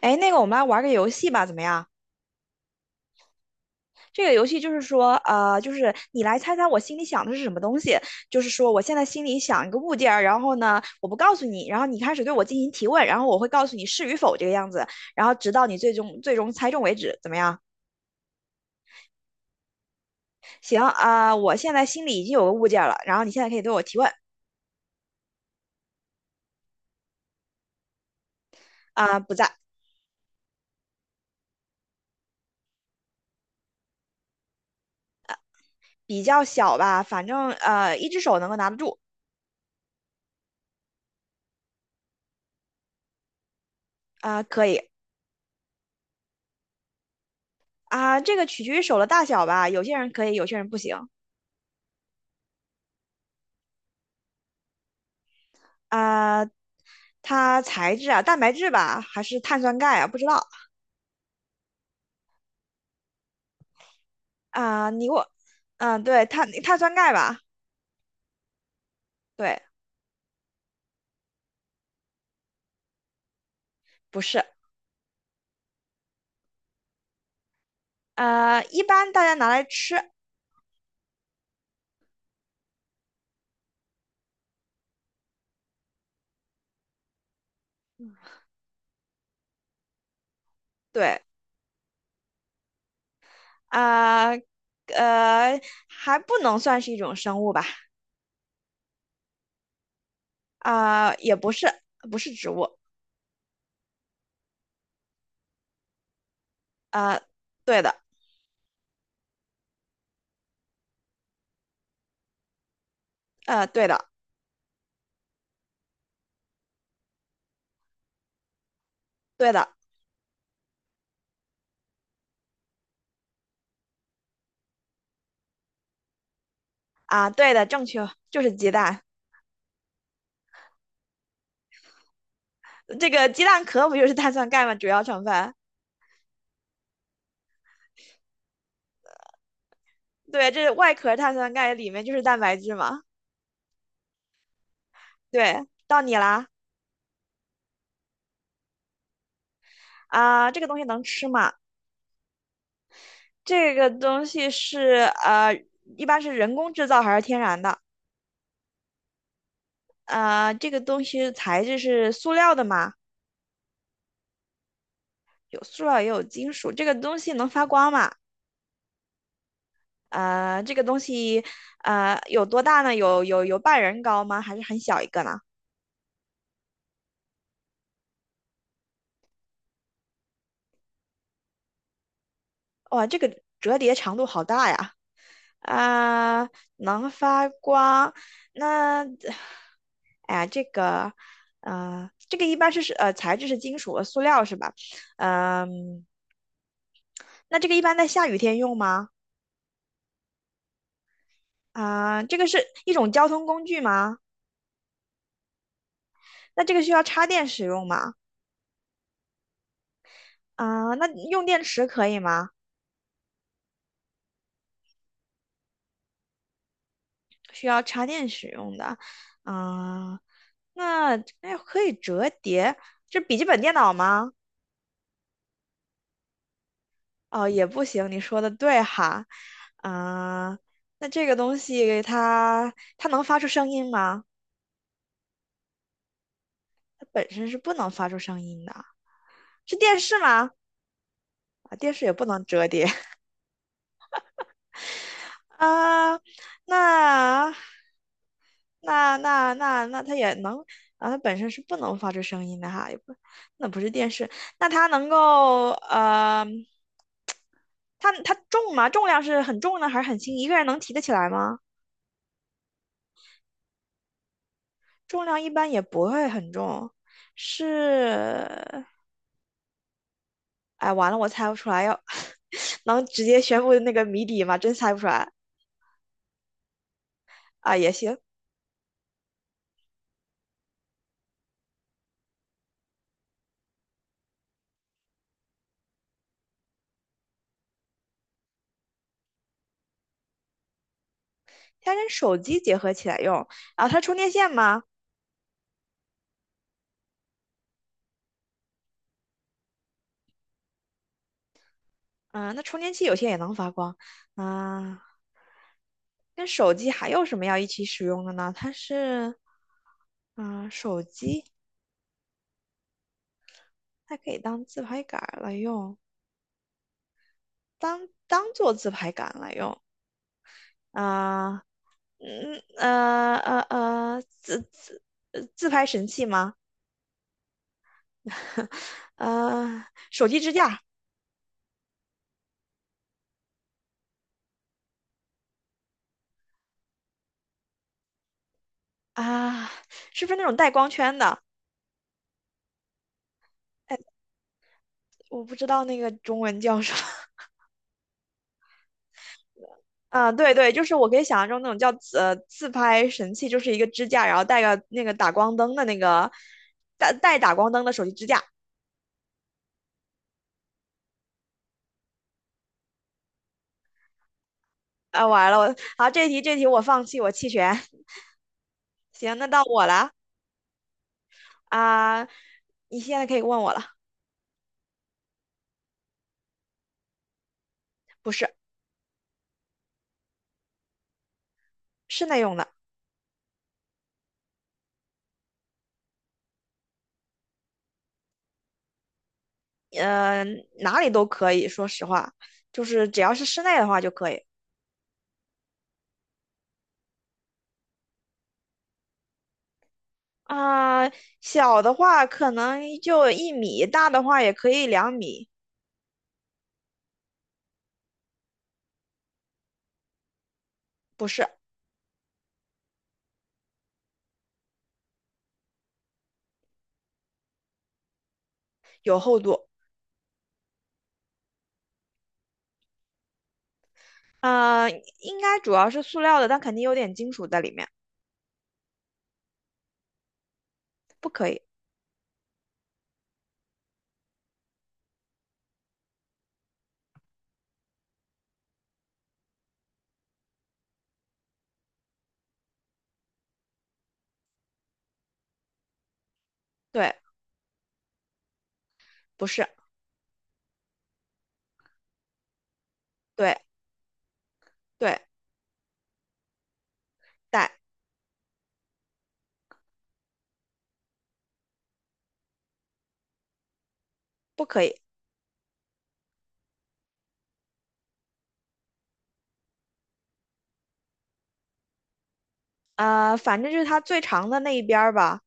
哎，那个，我们来玩个游戏吧，怎么样？这个游戏就是说，就是你来猜猜我心里想的是什么东西。就是说，我现在心里想一个物件儿，然后呢，我不告诉你，然后你开始对我进行提问，然后我会告诉你是与否这个样子，然后直到你最终猜中为止，怎么样？行啊，我现在心里已经有个物件儿了，然后你现在可以对我提问。啊，不在。比较小吧，反正一只手能够拿得住。啊，可以。啊、这个取决于手的大小吧，有些人可以，有些人不行。啊、它材质啊，蛋白质吧，还是碳酸钙啊？不知道。啊、你给我。嗯、对，碳酸钙吧。对，不是。一般大家拿来吃。对。啊、呃，还不能算是一种生物吧。啊、也不是，不是植物。啊、对的。对的。对的。啊、对的，正确，就是鸡蛋。这个鸡蛋壳不就是碳酸钙吗？主要成分。对，这是外壳碳酸钙，里面就是蛋白质嘛。对，到你啦。啊、这个东西能吃吗？这个东西是一般是人工制造还是天然的？这个东西材质是塑料的吗？有塑料也有金属。这个东西能发光吗？这个东西有多大呢？有半人高吗？还是很小一个呢？哇，这个折叠长度好大呀！啊，能发光。那，哎呀，这个一般是材质是金属和塑料是吧？嗯、那这个一般在下雨天用吗？啊、这个是一种交通工具吗？那这个需要插电使用吗？啊、那用电池可以吗？需要插电使用的。嗯、那哎可以折叠，这笔记本电脑吗？哦，也不行，你说的对哈。啊、那这个东西它能发出声音吗？它本身是不能发出声音的。是电视吗？啊，电视也不能折叠。 啊、那那它也能啊，它本身是不能发出声音的哈，也不。那不是电视。那它能够呃，它重吗？重量是很重呢，还是很轻？一个人能提得起来吗？重量一般也不会很重。是。哎，完了，我猜不出来，要 能直接宣布那个谜底吗？真猜不出来。啊，也行。它跟手机结合起来用。啊，后它充电线吗？嗯、那充电器有些也能发光。啊、跟手机还有什么要一起使用的呢？它是，嗯、手机它可以当自拍杆儿来用，当当做自拍杆来用。啊、嗯呃呃呃，自自自拍神器吗？呃，手机支架。啊、是不是那种带光圈的？我不知道那个中文叫什么。啊、对对，就是我可以想象中那种叫自拍神器，就是一个支架，然后带个那个打光灯的那个带打光灯的手机支架。啊，完了，我好，这题我放弃，我弃权。行，那到我了。啊、你现在可以问我了。不是。室内用的。呃，哪里都可以，说实话，就是只要是室内的话就可以。啊、小的话可能就1米，大的话也可以2米。不是。有厚度。啊、应该主要是塑料的，但肯定有点金属在里面。不可以。对。不是。对对。带。不可以。反正就是它最长的那一边儿吧。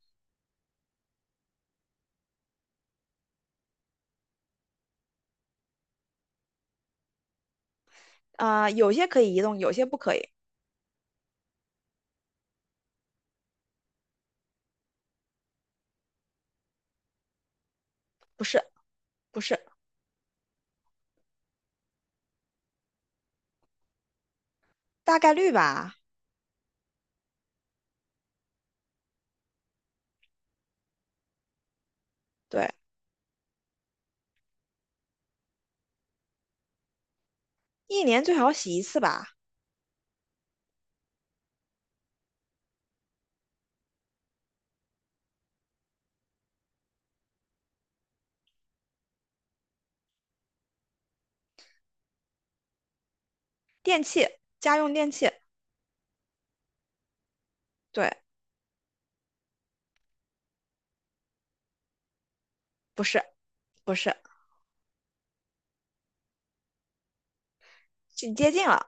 啊、有些可以移动，有些不可以。不是。不是。大概率吧。对。一年最好洗一次吧。电器，家用电器。对。不是。不是。是接近了。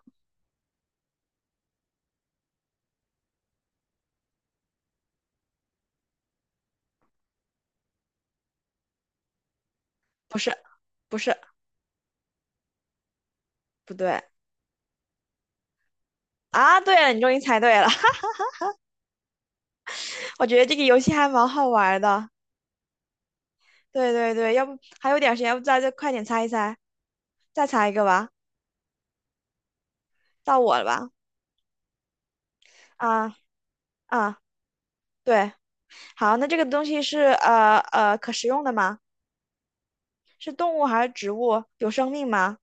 不是。不是。不对。啊！对了，你终于猜对了。我觉得这个游戏还蛮好玩的。对对对，要不还有点时间，要不再快点猜一猜，再猜一个吧。到我了吧？啊啊，对。好，那这个东西是可食用的吗？是动物还是植物？有生命吗？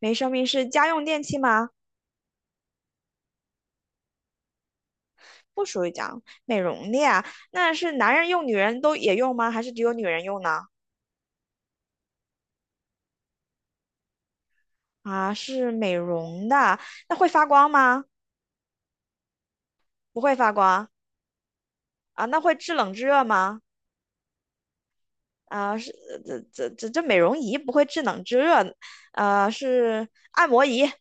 没生命，是家用电器吗？不属于讲美容的呀。那是男人用，女人都也用吗？还是只有女人用呢？啊，是美容的。那会发光吗？不会发光。啊，那会制冷制热吗？啊，是这美容仪不会制冷制热。是按摩仪。啊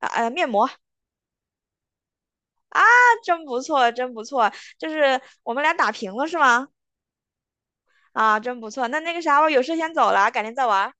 呃，面膜。啊，真不错，真不错。就是我们俩打平了是吗？啊，真不错。那那个啥，我有事先走了，改天再玩。